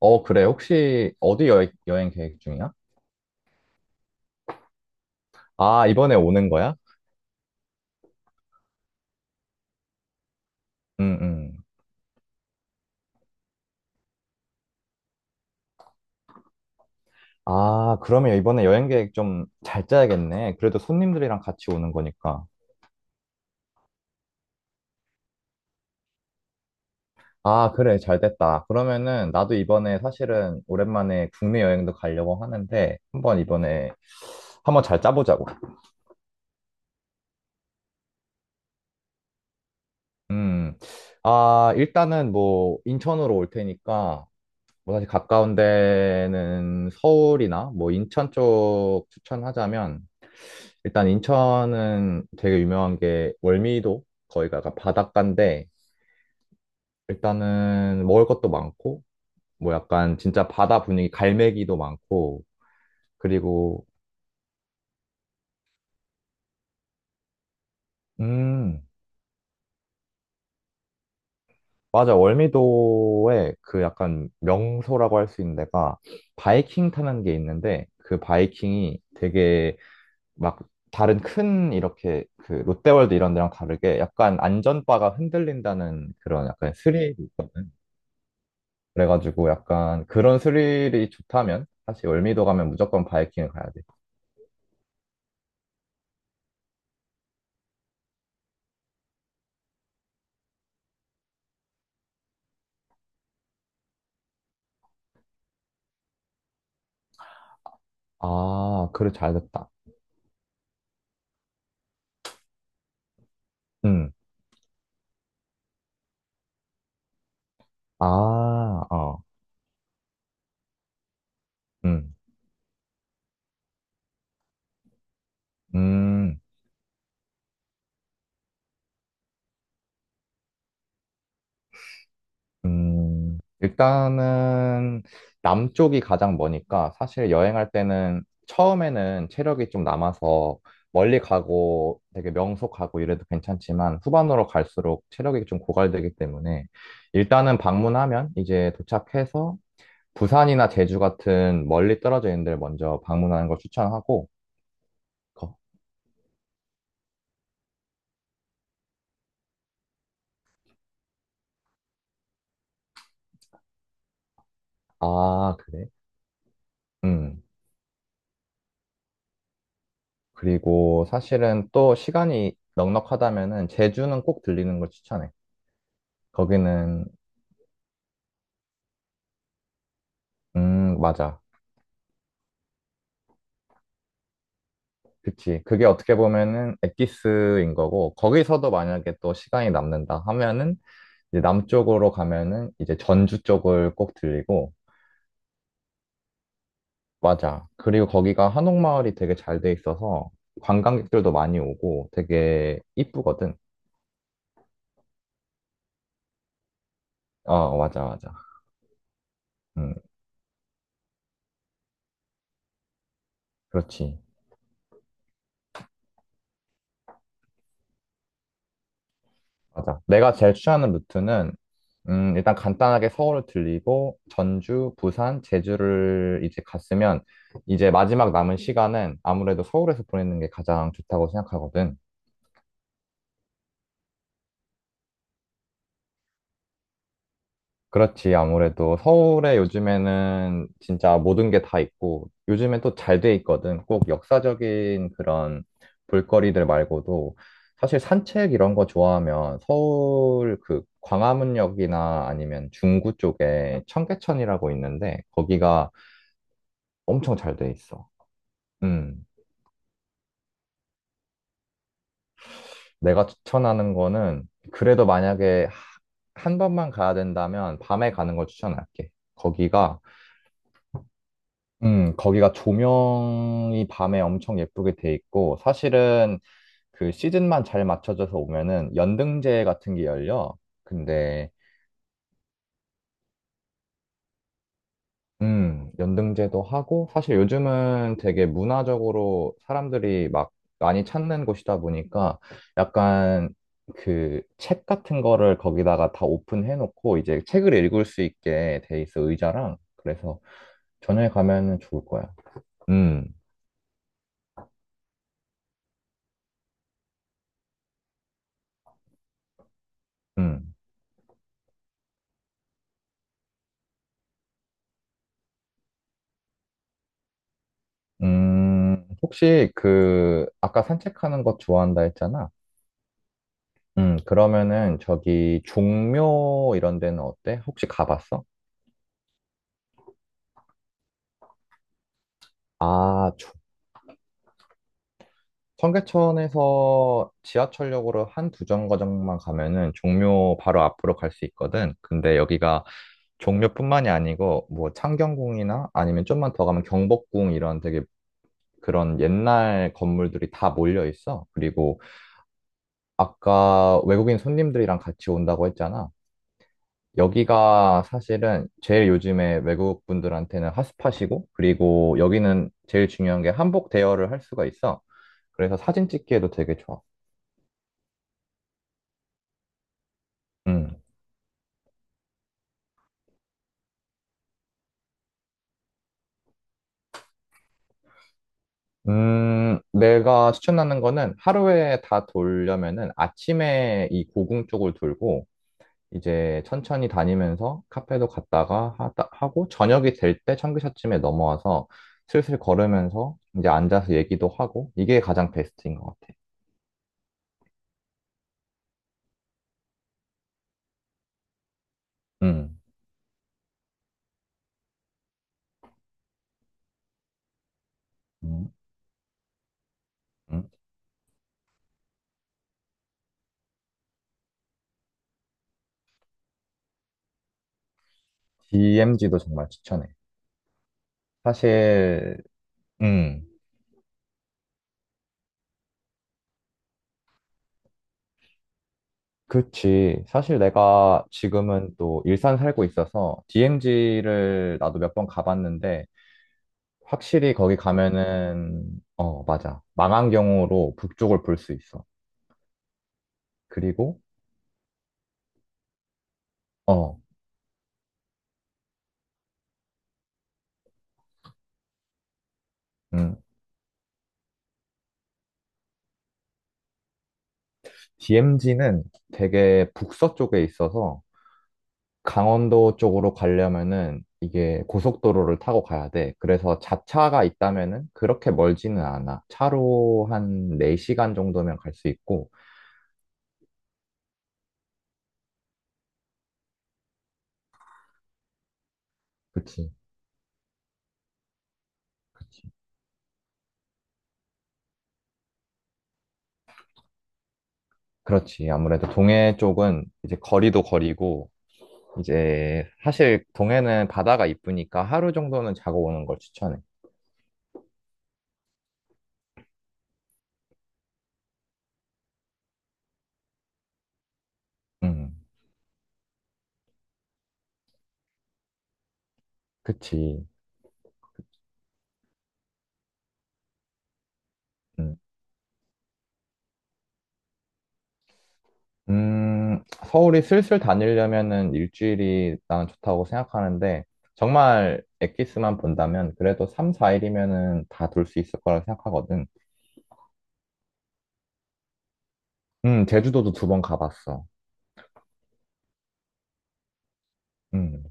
어, 그래. 혹시 어디 여행 계획 중이야? 아, 이번에 오는 거야? 응, 응. 아, 그러면 이번에 여행 계획 좀 잘 짜야겠네. 그래도 손님들이랑 같이 오는 거니까. 아, 그래. 잘 됐다. 그러면은 나도 이번에 사실은 오랜만에 국내 여행도 가려고 하는데, 한번 이번에 한번 잘 짜보자고. 음. 아, 일단은 뭐 인천으로 올 테니까 뭐 사실 가까운 데는 서울이나 뭐 인천 쪽 추천하자면, 일단 인천은 되게 유명한 게 월미도. 거기가 약간 바닷가인데 일단은 먹을 것도 많고 뭐 약간 진짜 바다 분위기 갈매기도 많고, 그리고 음 맞아, 월미도에 그 약간 명소라고 할 수 있는 데가 바이킹 타는 게 있는데, 그 바이킹이 되게 막 다른 큰 이렇게 그 롯데월드 이런 데랑 다르게 약간 안전바가 흔들린다는 그런 약간 스릴. 그래가지고 약간 그런 스릴이 좋다면 사실 월미도 가면 무조건 바이킹을 가야 돼. 아, 그래, 잘 됐다. 음, 아, 어. 음, 음, 일단은 남쪽이 가장 머니까 사실 여행할 때는 처음에는 체력이 좀 남아서 멀리 가고 되게 명소가고 이래도 괜찮지만, 후반으로 갈수록 체력이 좀 고갈되기 때문에 일단은 방문하면 이제 도착해서 부산이나 제주 같은 멀리 떨어져 있는 데를 먼저 방문하는 걸 추천하고, 거- 아, 그래? 음. 그리고 사실은 또 시간이 넉넉하다면은 제주는 꼭 들리는 걸 추천해. 거기는, 맞아. 그치. 그게 어떻게 보면은 엑기스인 거고, 거기서도 만약에 또 시간이 남는다 하면은 이제 남쪽으로 가면은 이제 전주 쪽을 꼭 들리고, 맞아. 그리고 거기가 한옥마을이 되게 잘 돼 있어서, 관광객들도 많이 오고 되게 이쁘거든. 어, 맞아, 맞아. 음, 그렇지. 맞아. 내가 제일 추천하는 루트는, 일단 간단하게 서울을 들리고, 전주, 부산, 제주를 이제 갔으면, 이제 마지막 남은 시간은 아무래도 서울에서 보내는 게 가장 좋다고 생각하거든. 그렇지. 아무래도 서울에 요즘에는 진짜 모든 게 다 있고, 요즘엔 또 잘 돼 있거든. 꼭 역사적인 그런 볼거리들 말고도, 사실 산책 이런 거 좋아하면 서울 그 광화문역이나 아니면 중구 쪽에 청계천이라고 있는데, 거기가 엄청 잘 돼 있어. 음. 내가 추천하는 거는, 그래도 만약에 한 번만 가야 된다면 밤에 가는 걸 추천할게. 거기가 거기가 조명이 밤에 엄청 예쁘게 돼 있고, 사실은 그 시즌만 잘 맞춰져서 오면은 연등제 같은 게 열려. 근데, 연등제도 하고, 사실 요즘은 되게 문화적으로 사람들이 막 많이 찾는 곳이다 보니까 약간 그 책 같은 거를 거기다가 다 오픈해 놓고, 이제 책을 읽을 수 있게 돼 있어, 의자랑. 그래서 저녁에 가면은 좋을 거야. 음, 음. 혹시 그, 아까 산책하는 것 좋아한다 했잖아? 그러면은 저기 종묘 이런 데는 어때? 혹시 가봤어? 아, 청계천에서 지하철역으로 한 두 정거장만 가면은 종묘 바로 앞으로 갈 수 있거든. 근데 여기가 종묘뿐만이 아니고 뭐 창경궁이나 아니면 좀만 더 가면 경복궁 이런 되게 그런 옛날 건물들이 다 몰려 있어. 그리고 아까 외국인 손님들이랑 같이 온다고 했잖아. 여기가 사실은 제일 요즘에 외국 분들한테는 핫스팟이고, 그리고 여기는 제일 중요한 게 한복 대여를 할 수가 있어. 그래서 사진 찍기에도 되게 좋아. 음. 내가 추천하는 거는 하루에 다 돌려면은 아침에 이 고궁 쪽을 돌고, 이제 천천히 다니면서 카페도 갔다가 하고, 저녁이 될 때 청기샷쯤에 넘어와서 슬슬 걸으면서 이제 앉아서 얘기도 하고, 이게 가장 베스트인 것 같아. 음. 음. 음. DMZ도 정말 추천해. 사실, 음, 그치. 사실 내가 지금은 또 일산 살고 있어서 DMZ를 나도 몇 번 가봤는데, 확실히 거기 가면은, 어, 맞아. 망한 경우로 북쪽을 볼 수 있어. 그리고, 어, 음, DMZ는 되게 북서 쪽에 있어서, 강원도 쪽으로 가려면은 이게 고속도로를 타고 가야 돼. 그래서 자차가 있다면은 그렇게 멀지는 않아. 차로 한 4시간 정도면 갈 수 있고. 그치, 그치. 그렇지. 아무래도 동해 쪽은 이제 거리도 거리고, 이제 사실 동해는 바다가 이쁘니까 하루 정도는 자고 오는 걸 추천해. 음, 그치. 음. 서울이 슬슬 다니려면은 일주일이 난 좋다고 생각하는데, 정말 엑기스만 본다면 그래도 3, 4일이면은 다 돌 수 있을 거라 생각하거든. 제주도도 두 번 가봤어. 음,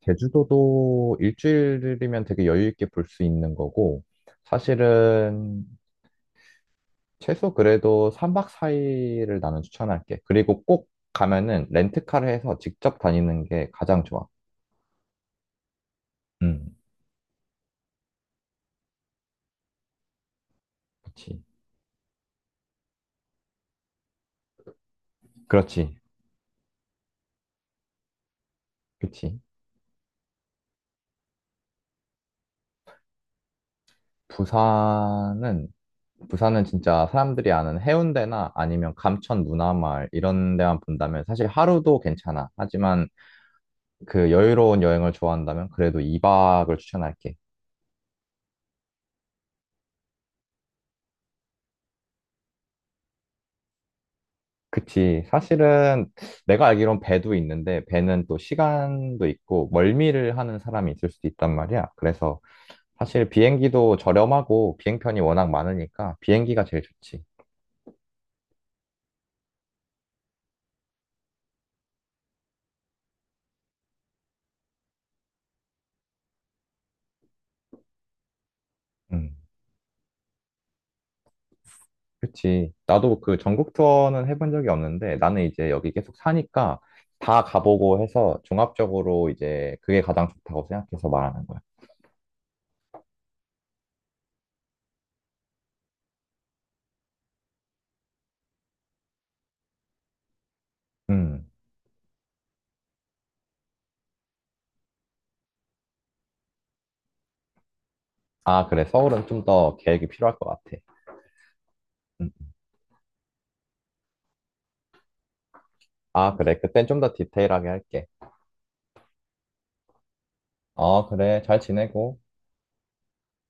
제주도도 일주일이면 되게 여유 있게 볼 수 있는 거고, 사실은 최소 그래도 3박 4일을 나는 추천할게. 그리고 꼭 가면은 렌트카를 해서 직접 다니는 게 가장 좋아. 음, 그렇지. 그렇지. 그렇지. 부산은 부산은 진짜 사람들이 아는 해운대나 아니면 감천 문화마을 이런 데만 본다면 사실 하루도 괜찮아. 하지만 그 여유로운 여행을 좋아한다면 그래도 2박을 추천할게. 그치. 사실은 내가 알기론 배도 있는데 배는 또 시간도 있고 멀미를 하는 사람이 있을 수도 있단 말이야. 그래서 사실 비행기도 저렴하고 비행편이 워낙 많으니까 비행기가 제일 좋지. 음. 그치. 나도 그 전국 투어는 해본 적이 없는데 나는 이제 여기 계속 사니까 다 가보고 해서 종합적으로 이제 그게 가장 좋다고 생각해서 말하는 거야. 음. 아, 그래. 서울은 좀 더 계획이 필요할 것 같아. 음. 아, 그래. 그땐 좀 더 디테일하게 할게. 어, 그래. 잘 지내고.